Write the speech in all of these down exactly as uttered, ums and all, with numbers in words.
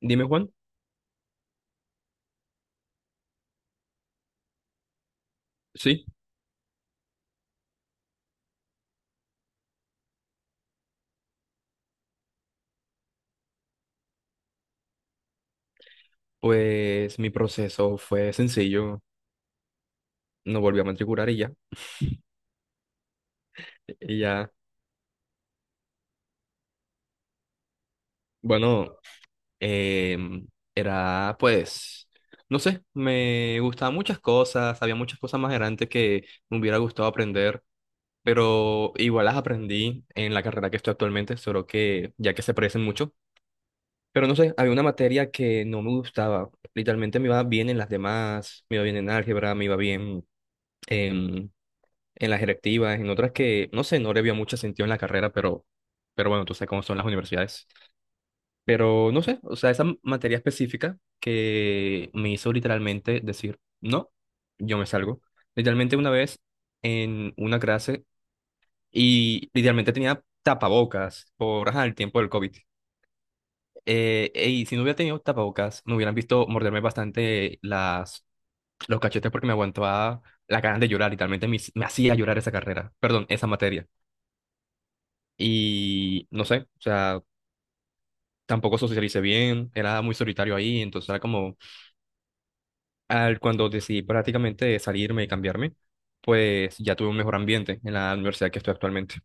Dime, Juan. Sí, pues mi proceso fue sencillo. No volví a matricular y ya. Y ya, bueno, em, era pues, no sé, me gustaban muchas cosas, había muchas cosas más adelante que me hubiera gustado aprender, pero igual las aprendí en la carrera que estoy actualmente, solo que ya que se parecen mucho. Pero no sé, había una materia que no me gustaba. Literalmente me iba bien en las demás, me iba bien en álgebra, me iba bien en las electivas, en otras que, no sé, no le había mucho sentido en la carrera, pero, pero bueno, tú sabes cómo son las universidades. Pero no sé, o sea, esa m- materia específica que me hizo literalmente decir, no, yo me salgo. Literalmente una vez en una clase y literalmente tenía tapabocas por ajá, el tiempo del COVID. Eh, y si no hubiera tenido tapabocas, me hubieran visto morderme bastante las, los cachetes porque me aguantaba la ganas de llorar, literalmente me, hic- me hacía llorar esa carrera, perdón, esa materia. Y no sé, o sea, tampoco socialicé bien, era muy solitario ahí, entonces era como, al, cuando decidí prácticamente salirme y cambiarme, pues ya tuve un mejor ambiente en la universidad que estoy actualmente.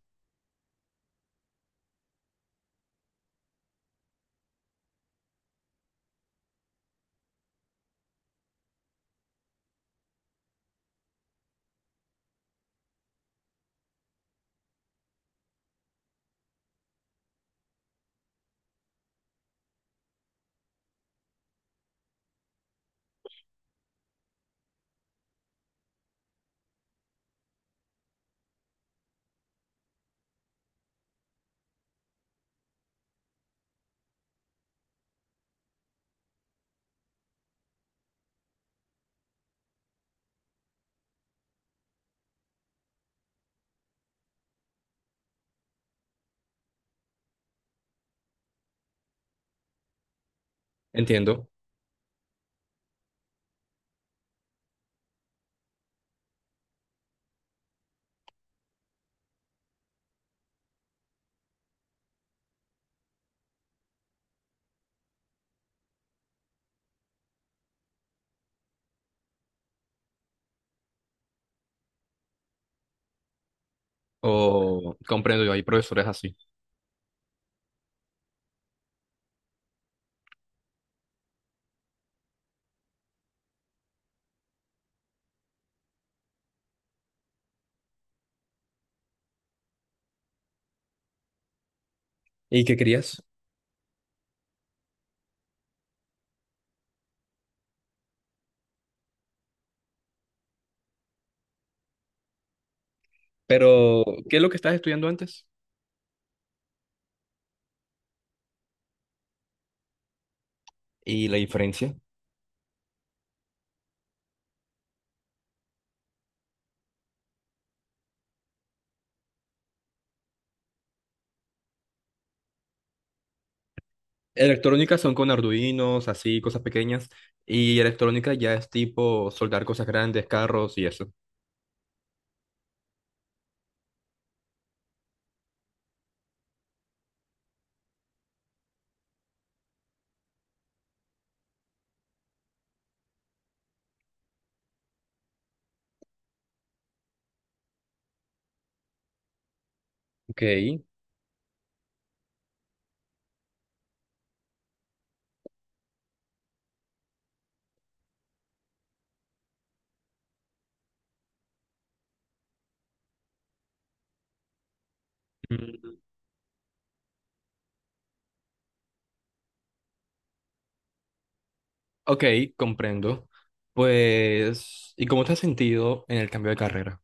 Entiendo, o comprendo, yo hay profesores así. ¿Y qué querías? Pero, ¿qué es lo que estás estudiando antes? ¿Y la diferencia? Electrónica son con Arduinos, así, cosas pequeñas, y electrónica ya es tipo soldar cosas grandes, carros y eso. Ok. Mm. Ok, comprendo. Pues, ¿y cómo te has sentido en el cambio de carrera?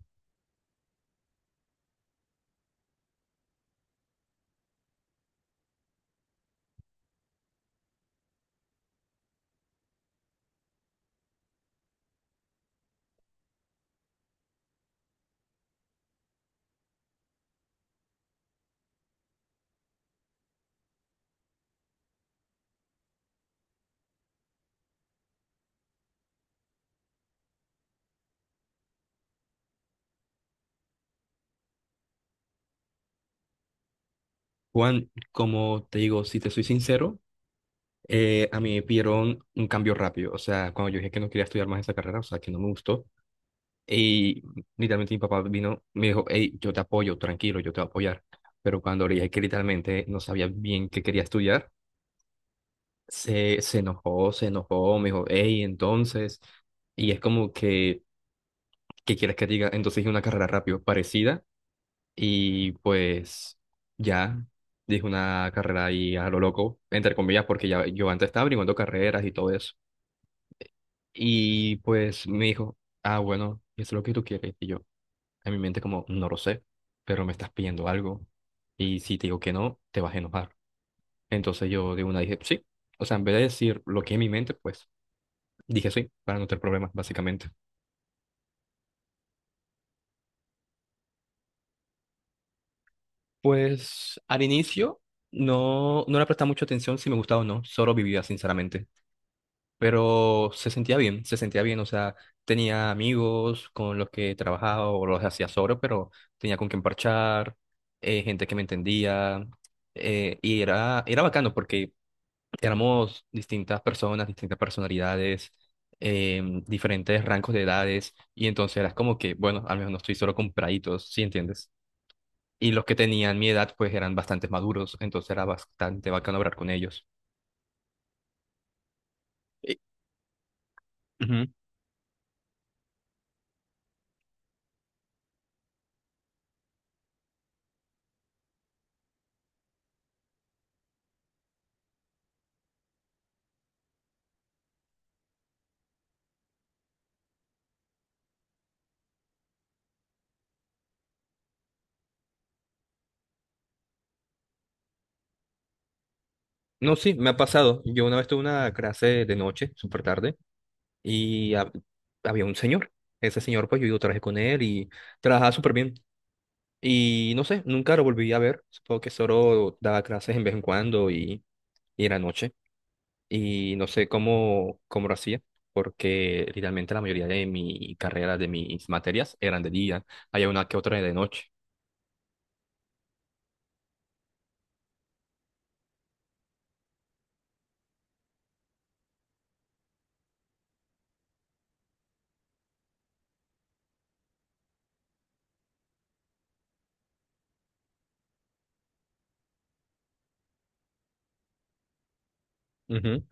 Juan, como te digo, si te soy sincero, eh, a mí me pidieron un cambio rápido. O sea, cuando yo dije que no quería estudiar más esa carrera, o sea, que no me gustó, y literalmente mi papá vino, me dijo, hey, yo te apoyo, tranquilo, yo te voy a apoyar. Pero cuando le dije que literalmente no sabía bien qué quería estudiar, se, se enojó, se enojó, me dijo, hey, entonces, y es como que, ¿qué quieres que diga? Entonces dije una carrera rápido, parecida. Y pues ya, dije una carrera ahí a lo loco, entre comillas, porque ya yo antes estaba brincando carreras y todo eso. Y pues me dijo, ah, bueno, ¿y es lo que tú quieres? Y yo, en mi mente como, no lo sé, pero me estás pidiendo algo. Y si te digo que no, te vas a enojar. Entonces yo de una dije, sí. O sea, en vez de decir lo que en mi mente, pues dije sí, para no tener problemas, básicamente. Pues al inicio no, no le prestaba mucha atención si me gustaba o no, solo vivía, sinceramente. Pero se sentía bien, se sentía bien, o sea, tenía amigos con los que trabajaba o los hacía solo, pero tenía con quien parchar, eh, gente que me entendía, eh, y era, era bacano porque éramos distintas personas, distintas personalidades, em, diferentes rangos de edades, y entonces era como que, bueno, al menos no estoy solo con praditos, ¿sí entiendes? Y los que tenían mi edad, pues eran bastante maduros, entonces era bastante bacano hablar con ellos. Y- Ujú. No, sí, me ha pasado. Yo una vez tuve una clase de noche, súper tarde, y hab- había un señor. Ese señor, pues yo, yo trabajé con él y trabajaba súper bien. Y no sé, nunca lo volví a ver. Supongo que solo daba clases en vez en cuando y, y era noche. Y no sé cómo, cómo lo hacía, porque literalmente la mayoría de mi carrera, de mis materias, eran de día. Había una que otra de noche. Ujú.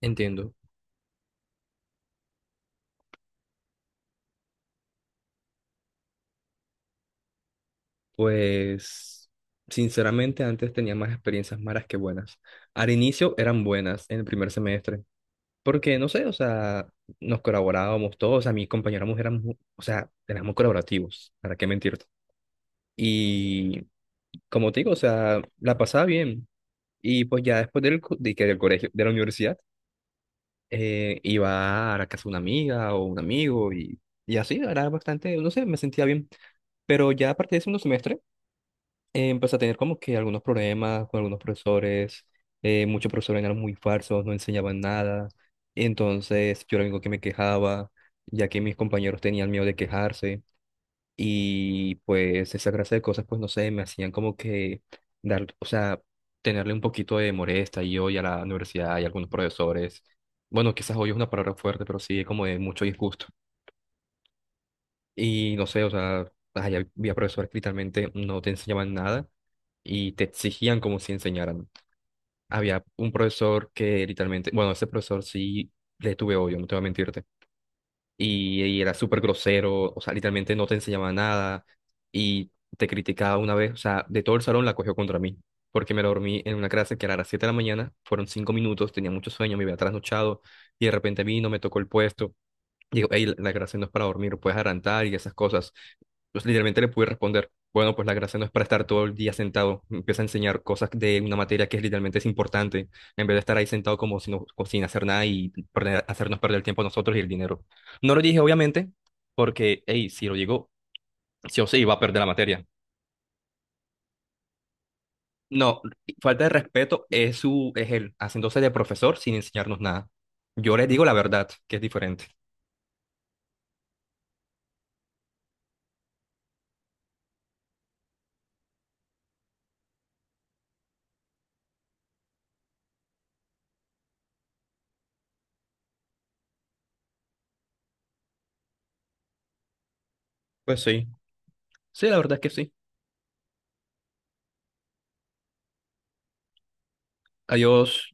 Entiendo. Pues, sinceramente, antes tenía más experiencias malas que buenas. Al inicio eran buenas en el primer semestre, porque no sé, o sea, nos colaborábamos todos, o sea, mis compañeros éramos, mu- o sea, éramos colaborativos, ¿para qué mentirte? Y como te digo, o sea, la pasaba bien. Y pues ya después del, co- de, que del colegio, de la universidad, eh, iba a la casa de una amiga o un amigo y, y así, era bastante, no sé, me sentía bien. Pero ya a partir del segundo semestre, eh, empecé a tener como que algunos problemas con algunos profesores, eh, muchos profesores eran muy falsos, no enseñaban nada, entonces yo era el único que me quejaba, ya que mis compañeros tenían miedo de quejarse y pues esa clase de cosas pues no sé, me hacían como que dar, o sea, tenerle un poquito de molestia y hoy a la universidad y a algunos profesores, bueno, quizás hoy es una palabra fuerte, pero sí, como de mucho disgusto. Y no sé, o sea, ay, había profesores que literalmente no te enseñaban nada y te exigían como si enseñaran. Había un profesor que literalmente, bueno, ese profesor sí le tuve odio, no te voy a mentirte. Y, y era súper grosero, o sea, literalmente no te enseñaba nada y te criticaba una vez, o sea, de todo el salón la cogió contra mí. Porque me lo dormí en una clase que era a las siete de la mañana, fueron cinco minutos, tenía mucho sueño, me había trasnochado y de repente vino, me tocó el puesto. Digo, hey, la clase no es para dormir, puedes adelantar y esas cosas. Entonces, literalmente le pude responder, bueno, pues la gracia no es para estar todo el día sentado. Me empieza a enseñar cosas de una materia que es literalmente es importante, en vez de estar ahí sentado como si no- como sin hacer nada y perder- hacernos perder el tiempo a nosotros y el dinero. No lo dije, obviamente, porque, hey, si lo digo, sí o sí iba a perder la materia. No, falta de respeto es su, es él, haciéndose de profesor sin enseñarnos nada. Yo les digo la verdad, que es diferente. Pues sí, sí, la verdad es que sí. Adiós.